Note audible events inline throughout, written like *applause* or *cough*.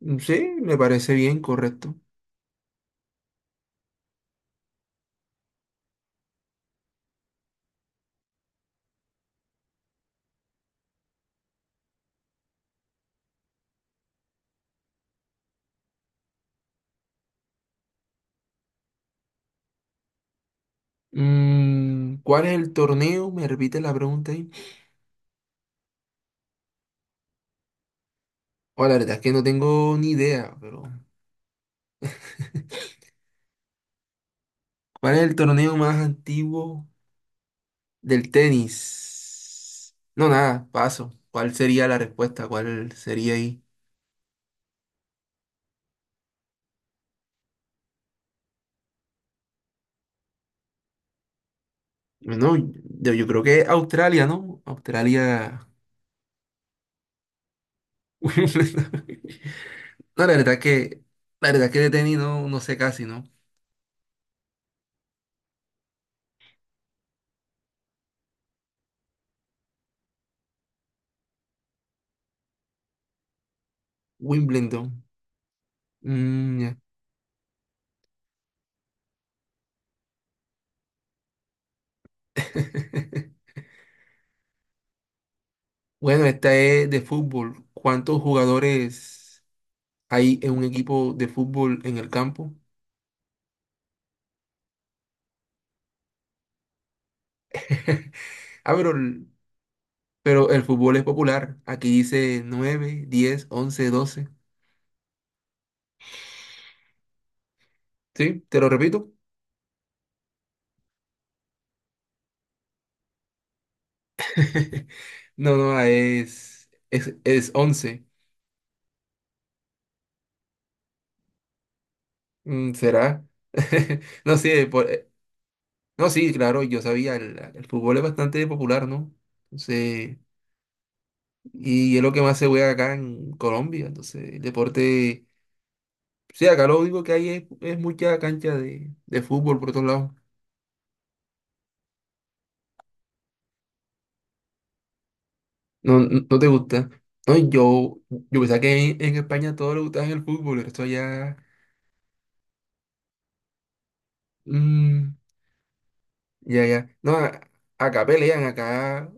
Mm, sí, me parece bien, correcto. ¿Cuál es el torneo? Me repite la pregunta ahí. Oh, la verdad es que no tengo ni idea, pero *laughs* ¿cuál es el torneo más antiguo del tenis? No, nada, paso. ¿Cuál sería la respuesta? ¿Cuál sería ahí? No, yo creo que Australia, ¿no? Australia. *laughs* No, la verdad es que de tenis no, no sé casi, ¿no? Wimbledon. Mm, ya. *laughs* Bueno, esta es de fútbol. ¿Cuántos jugadores hay en un equipo de fútbol en el campo? *laughs* Ah, pero el fútbol es popular. Aquí dice 9, 10, 11, 12. ¿Sí? ¿Te lo repito? *laughs* No, no, ah, es 11. ¿Será? *laughs* No sé. No, sí, claro, yo sabía. El fútbol es bastante popular, ¿no? Entonces, y es lo que más se juega acá en Colombia, entonces, el deporte. Sí, acá lo único que hay es mucha cancha de fútbol por otro lado. No, no, no te gusta. No, yo pensaba que en España todo le gustaba el fútbol, el resto ya. Mm, ya, ya. No, acá pelean, acá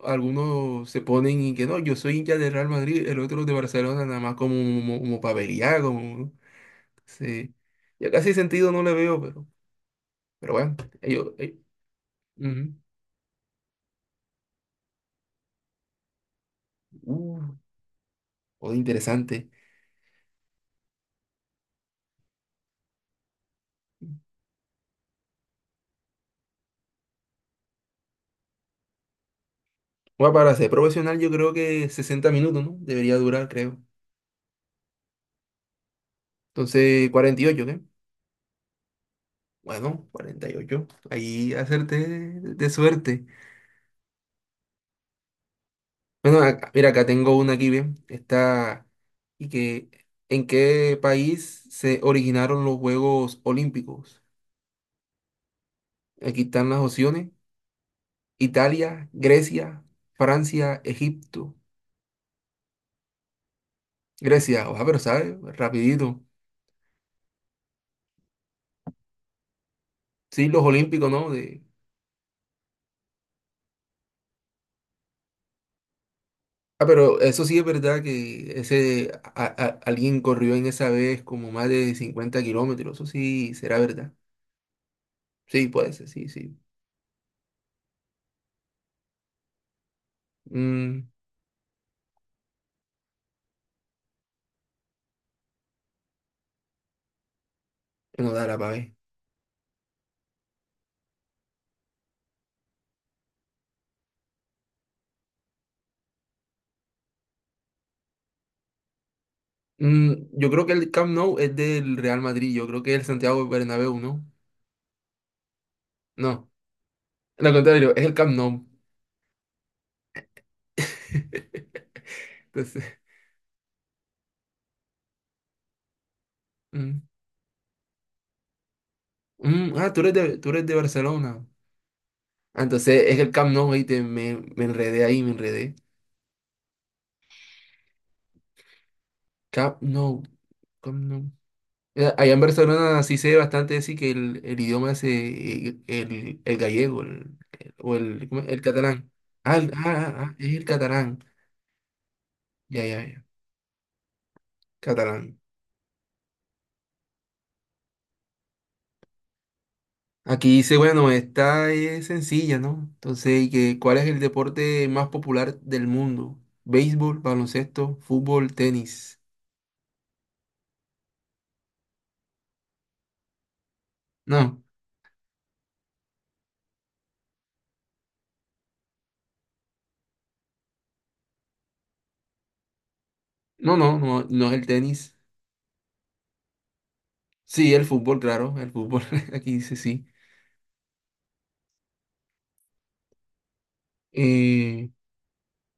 algunos se ponen y que no, yo soy hincha de Real Madrid, el otro de Barcelona, nada más como pa' pelear, como. Sí. Ya casi sentido no le veo, pero, bueno, ellos. Ujú. Uh, oh, interesante. Bueno, para ser profesional yo creo que 60 minutos, ¿no? Debería durar, creo. Entonces, 48, ¿qué? Bueno, 48, ahí hacerte de suerte. Bueno, mira, acá tengo una aquí, ¿bien? Está... ¿Y que En qué país se originaron los Juegos Olímpicos? Aquí están las opciones. Italia, Grecia, Francia, Egipto. Grecia, ojalá, pero ¿sabes? Rapidito. Sí, los Olímpicos, ¿no? Ah, pero eso sí es verdad que ese alguien corrió en esa vez como más de 50 kilómetros. Eso sí será verdad. Sí, puede ser, sí, sí. Mm, no da la pavé. Yo creo que el Camp Nou es del Real Madrid. Yo creo que el Santiago Bernabéu, ¿no? No, lo contrario, es el Camp Nou. *laughs* Entonces, mm, ah, tú eres de Barcelona. Ah, entonces es el Camp Nou, ahí me enredé ahí, me enredé. Camp Nou, Camp Nou. Allá en Barcelona sí se ve bastante así que el idioma es el gallego, o el, ¿cómo es? El catalán. Ah, es el catalán. Ya, ya, ya. Catalán. Aquí dice, bueno, esta es sencilla, ¿no? Entonces, cuál es el deporte más popular del mundo? Béisbol, baloncesto, fútbol, tenis. No, no, no, no, no es el tenis. Sí, el fútbol, claro, el fútbol. *laughs* Aquí dice sí. Eh,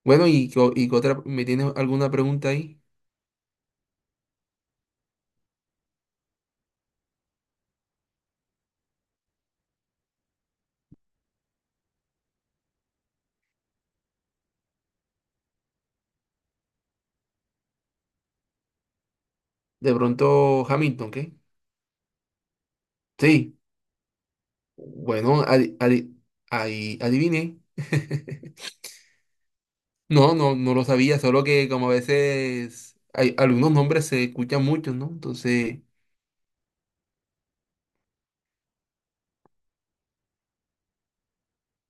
bueno, y qué otra? ¿Me tienes alguna pregunta ahí? De pronto Hamilton, ¿qué? Sí. Bueno, ahí adiviné. *laughs* No, no, no lo sabía, solo que como a veces hay algunos nombres se escuchan muchos, ¿no? Entonces,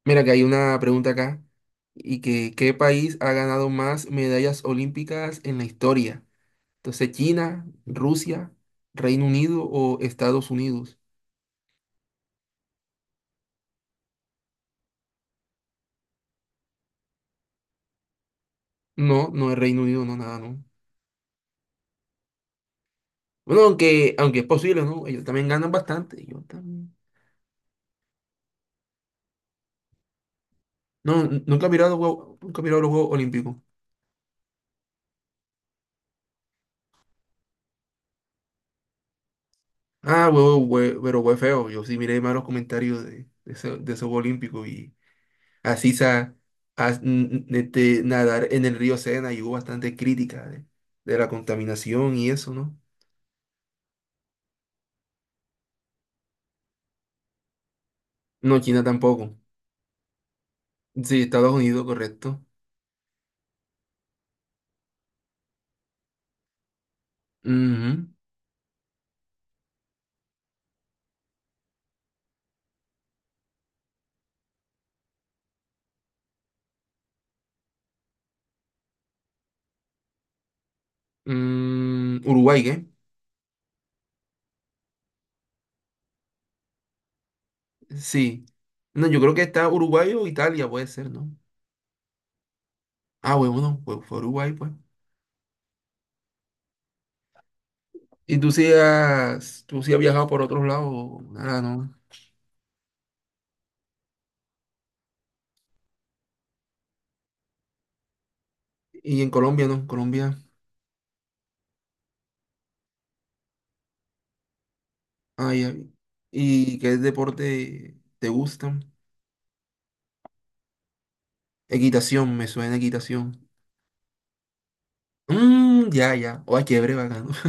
mira que hay una pregunta acá, y que ¿qué país ha ganado más medallas olímpicas en la historia? Entonces, China, Rusia, Reino Unido o Estados Unidos. No, no es Reino Unido, no, nada, no. Bueno, aunque es posible, ¿no? Ellos también ganan bastante. Yo también. No, nunca he mirado los Juegos Olímpicos. Ah, pero fue feo. Yo sí miré malos comentarios de ese Juego Olímpico y así sa, as- n- n- este, nadar en el río Sena y hubo bastante crítica de la contaminación y eso, ¿no? No, China tampoco. Sí, Estados Unidos, correcto. Ujú. Uruguay, ¿qué? Sí. No, yo creo que está Uruguay o Italia, puede ser, ¿no? Ah, huevo, no, fue Uruguay, pues. ¿Y tú sí has viajado por otros lados, o nada, ¿no? Y en Colombia, ¿no? Colombia. Ah, ya. ¿Y qué deporte te gusta? Equitación, me suena equitación. Mm, ya, ya. Oh, chévere, bacano. *laughs*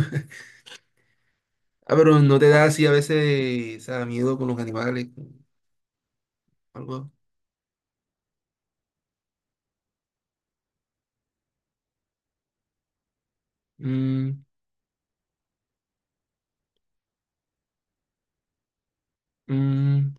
Ah, pero no te da así a veces, o sea, miedo con los animales, con algo. Mm, mm,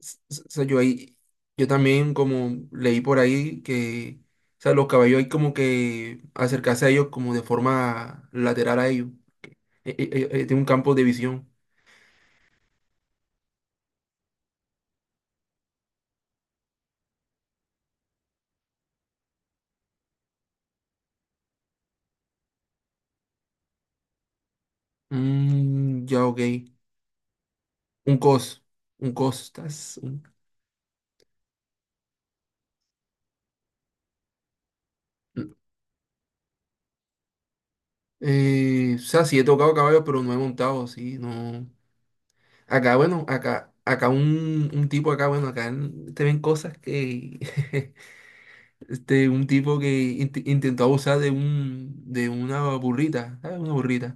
o sea, yo también como leí por ahí que, o sea, los caballos hay como que acercarse a ellos como de forma lateral a ellos. Tiene un campo de visión. Mm, ya, ok. Un cos. Un cos. Estás. Un- o sea, sí he tocado caballo, pero no he montado, sí, no. Acá, bueno, acá un tipo acá, bueno, te ven cosas que. *laughs* Este, un tipo que intentó abusar de una burrita, ¿sabes? Una burrita.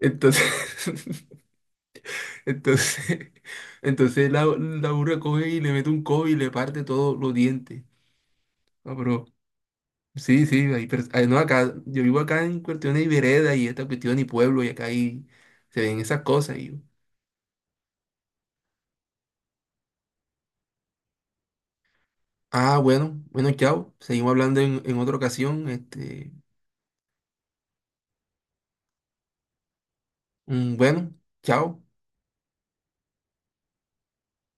Entonces, *laughs* entonces, entonces la burra coge y le mete un codo y le parte todos los dientes. No, pero sí, sí, hay no, acá, yo vivo acá en cuestión de vereda y esta cuestión y pueblo y acá ahí se ven esas cosas. Y yo, ah, bueno, bueno, chao. Seguimos hablando en otra ocasión. Este, bueno, chao.